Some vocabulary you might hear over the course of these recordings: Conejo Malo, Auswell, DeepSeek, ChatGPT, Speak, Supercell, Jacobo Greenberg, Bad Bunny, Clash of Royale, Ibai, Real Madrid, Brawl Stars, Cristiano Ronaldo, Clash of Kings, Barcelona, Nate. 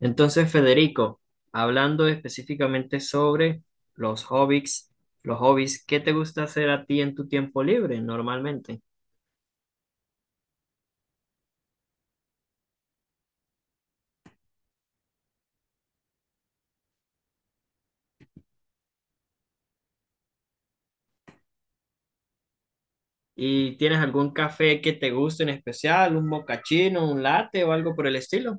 Entonces, Federico, hablando específicamente sobre los hobbies, ¿qué te gusta hacer a ti en tu tiempo libre normalmente? ¿Y tienes algún café que te guste en especial, un mocachino, un latte o algo por el estilo?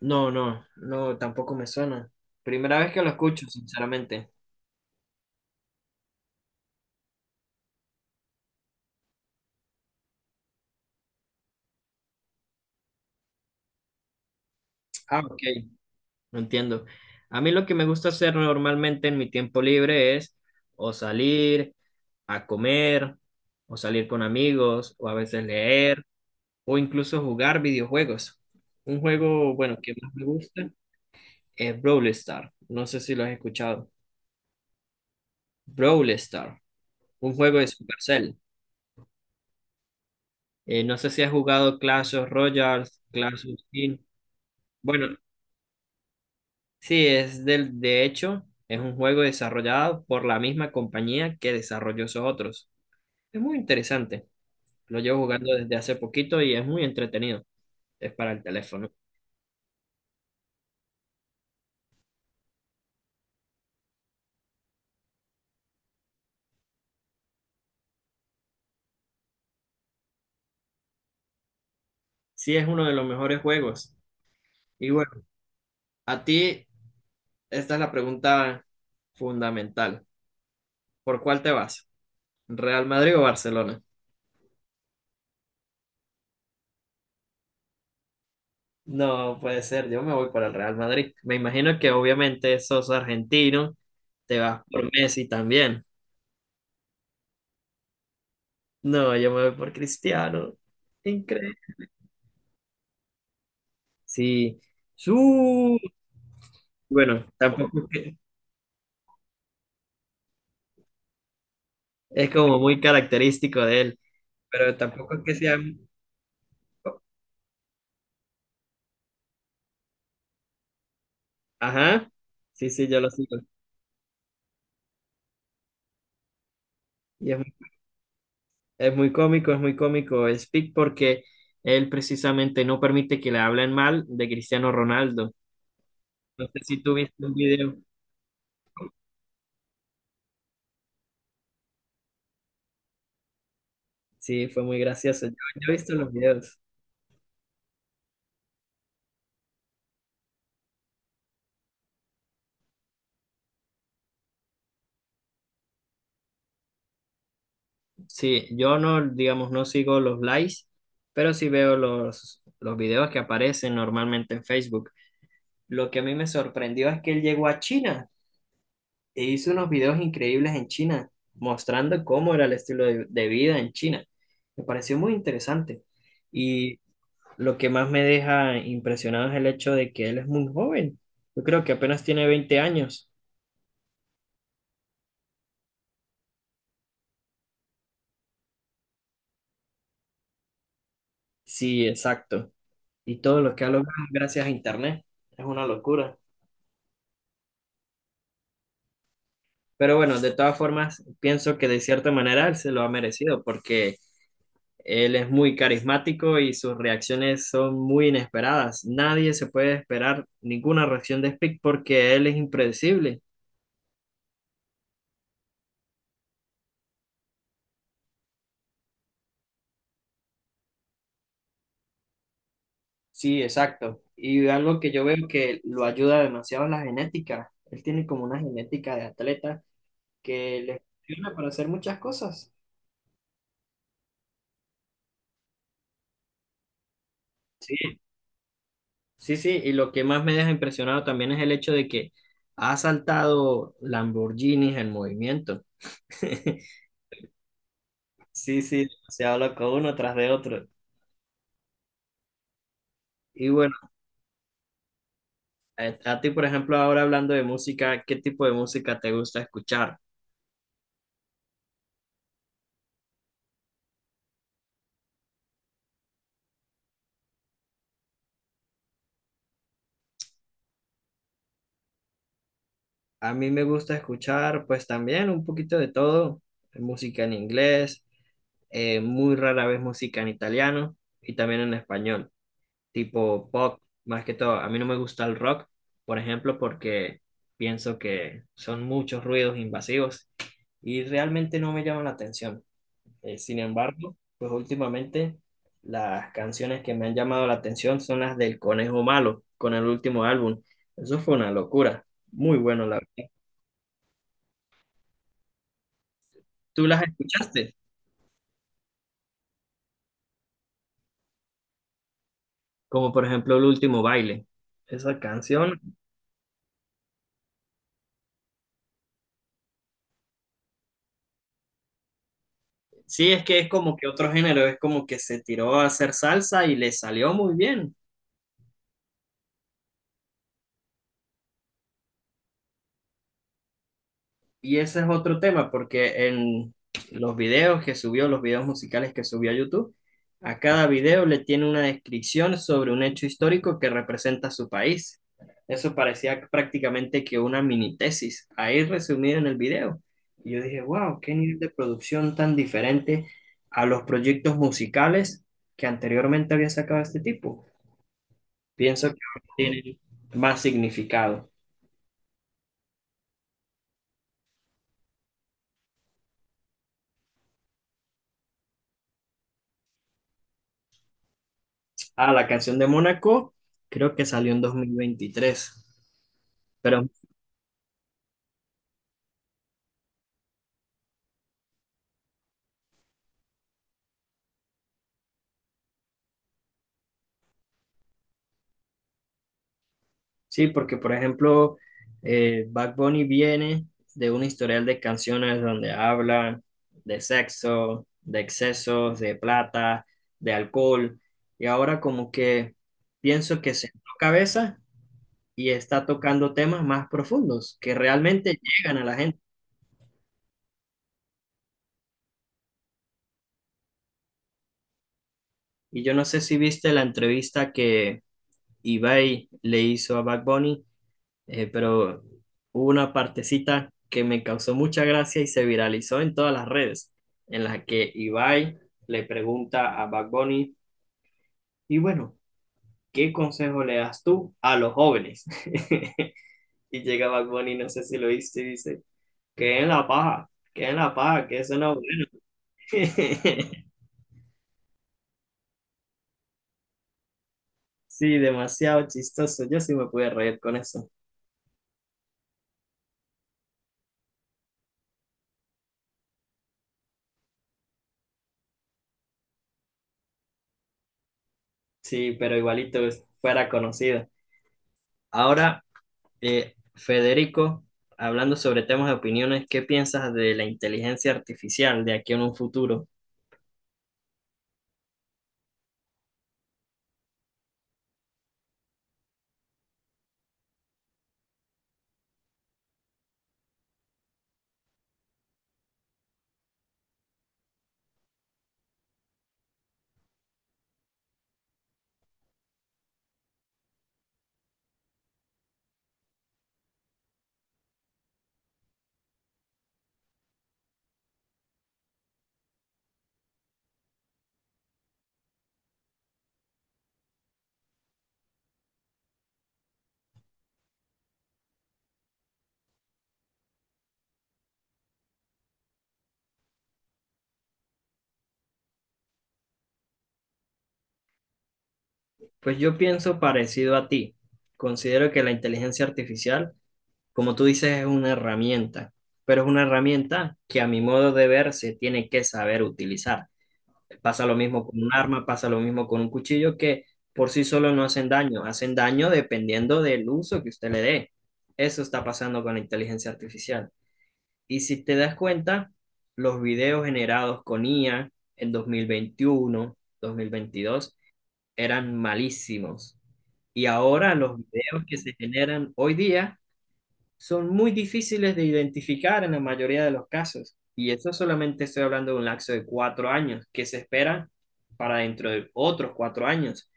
No, no, no, tampoco me suena. Primera vez que lo escucho, sinceramente. Ah, ok, no entiendo. A mí lo que me gusta hacer normalmente en mi tiempo libre es o salir a comer, o salir con amigos, o a veces leer o incluso jugar videojuegos. Un juego, bueno, que más me gusta es Brawl Stars. No sé si lo has escuchado. Brawl Stars, un juego de Supercell. No sé si has jugado Clash of Royale, Clash of Kings. Bueno, sí, es del, de hecho, es un juego desarrollado por la misma compañía que desarrolló esos otros. Es muy interesante. Lo llevo jugando desde hace poquito y es muy entretenido. Es para el teléfono. Sí, es uno de los mejores juegos. Y bueno, a ti esta es la pregunta fundamental. ¿Por cuál te vas? ¿Real Madrid o Barcelona? No puede ser, yo me voy para el Real Madrid. Me imagino que obviamente sos argentino, te vas por Messi también. No, yo me voy por Cristiano. Increíble. Sí. Su... Bueno, tampoco es que es como muy característico de él, pero tampoco es que sea... Ajá. Sí, sí, yo lo sigo. Y es muy cómico, es muy cómico Speak porque él precisamente no permite que le hablen mal de Cristiano Ronaldo. No sé si tú viste un video. Sí, fue muy gracioso. Yo he visto los videos. Sí, yo no, digamos, no sigo los likes, pero sí veo los videos que aparecen normalmente en Facebook. Lo que a mí me sorprendió es que él llegó a China e hizo unos videos increíbles en China, mostrando cómo era el estilo de vida en China. Me pareció muy interesante. Y lo que más me deja impresionado es el hecho de que él es muy joven. Yo creo que apenas tiene 20 años. Sí, exacto. Y todo lo que ha logrado gracias a Internet es una locura. Pero bueno, de todas formas, pienso que de cierta manera él se lo ha merecido porque él es muy carismático y sus reacciones son muy inesperadas. Nadie se puede esperar ninguna reacción de Speak porque él es impredecible. Sí, exacto. Y algo que yo veo que lo ayuda demasiado es la genética. Él tiene como una genética de atleta que le funciona para hacer muchas cosas. Sí, sí, sí. Y lo que más me deja impresionado también es el hecho de que ha saltado Lamborghinis en movimiento. Sí, sí, demasiado loco uno tras de otro. Y bueno, a ti, por ejemplo, ahora hablando de música, ¿qué tipo de música te gusta escuchar? A mí me gusta escuchar, pues también un poquito de todo, música en inglés. Muy rara vez música en italiano y también en español, tipo pop, más que todo. A mí no me gusta el rock, por ejemplo, porque pienso que son muchos ruidos invasivos y realmente no me llaman la atención. Sin embargo, pues últimamente las canciones que me han llamado la atención son las del Conejo Malo, con el último álbum. Eso fue una locura, muy bueno, la verdad. ¿Tú las escuchaste? Como por ejemplo el último baile. Esa canción sí, es que es como que otro género, es como que se tiró a hacer salsa y le salió muy bien. Y ese es otro tema, porque en los videos que subió, los videos musicales que subió a YouTube, a cada video le tiene una descripción sobre un hecho histórico que representa su país. Eso parecía prácticamente que una mini tesis, ahí resumido en el video. Y yo dije, wow, qué nivel de producción tan diferente a los proyectos musicales que anteriormente había sacado este tipo. Pienso que ahora tiene más significado. Ah, la canción de Mónaco creo que salió en 2023. Pero sí, porque por ejemplo, Bad Bunny viene de un historial de canciones donde habla de sexo, de excesos, de plata, de alcohol. Y ahora como que pienso que se cabeza y está tocando temas más profundos que realmente llegan a la gente. Y yo no sé si viste la entrevista que Ibai le hizo a Bad Bunny, pero hubo una partecita que me causó mucha gracia y se viralizó en todas las redes, en las que Ibai le pregunta a Bad Bunny, y bueno, ¿qué consejo le das tú a los jóvenes? Y llega Bad Bunny, no sé si lo viste, y dice, que en la paja, que en la paja, que eso no... Sí, demasiado chistoso, yo sí me pude reír con eso. Sí, pero igualito pues, fuera conocido. Ahora Federico, hablando sobre temas de opiniones, ¿qué piensas de la inteligencia artificial de aquí en un futuro? Pues yo pienso parecido a ti. Considero que la inteligencia artificial, como tú dices, es una herramienta, pero es una herramienta que a mi modo de ver se tiene que saber utilizar. Pasa lo mismo con un arma, pasa lo mismo con un cuchillo, que por sí solo no hacen daño, hacen daño dependiendo del uso que usted le dé. Eso está pasando con la inteligencia artificial. Y si te das cuenta, los videos generados con IA en 2021 2022 eran malísimos. Y ahora los videos que se generan hoy día son muy difíciles de identificar en la mayoría de los casos. Y eso solamente estoy hablando de un lapso de 4 años que se espera para dentro de otros 4 años.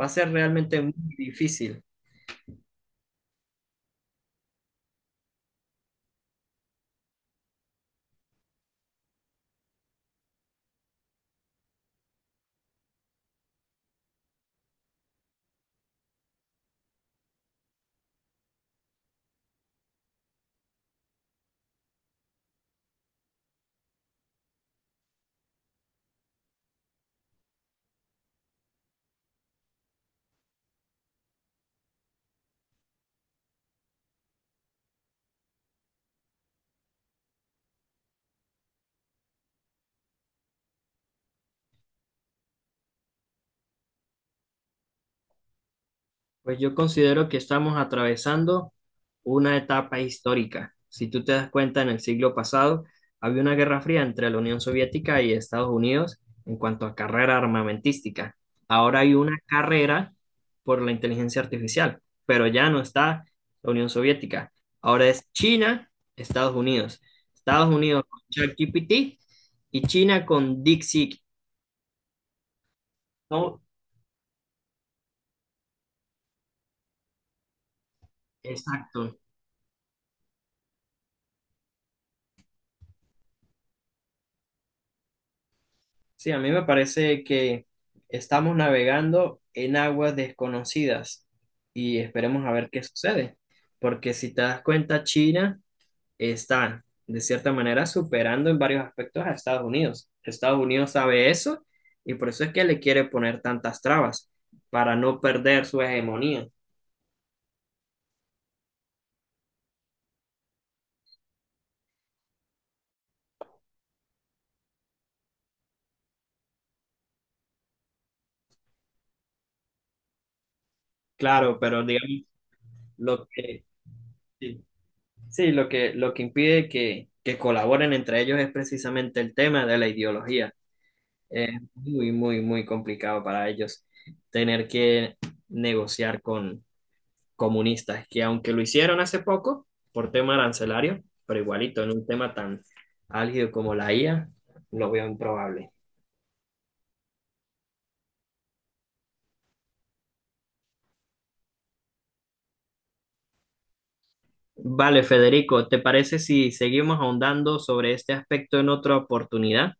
Va a ser realmente muy difícil. Pues yo considero que estamos atravesando una etapa histórica. Si tú te das cuenta, en el siglo pasado había una guerra fría entre la Unión Soviética y Estados Unidos en cuanto a carrera armamentística. Ahora hay una carrera por la inteligencia artificial, pero ya no está la Unión Soviética. Ahora es China, Estados Unidos. Estados Unidos con ChatGPT y China con DeepSeek. No, exacto, sí, a mí me parece que estamos navegando en aguas desconocidas y esperemos a ver qué sucede, porque si te das cuenta, China está de cierta manera superando en varios aspectos a Estados Unidos. Estados Unidos sabe eso y por eso es que le quiere poner tantas trabas para no perder su hegemonía. Claro, pero digamos, lo que, sí, sí, lo que impide que colaboren entre ellos es precisamente el tema de la ideología. Es muy, muy, muy complicado para ellos tener que negociar con comunistas, que aunque lo hicieron hace poco por tema arancelario, pero igualito en un tema tan álgido como la IA, lo veo improbable. Vale, Federico, ¿te parece si seguimos ahondando sobre este aspecto en otra oportunidad?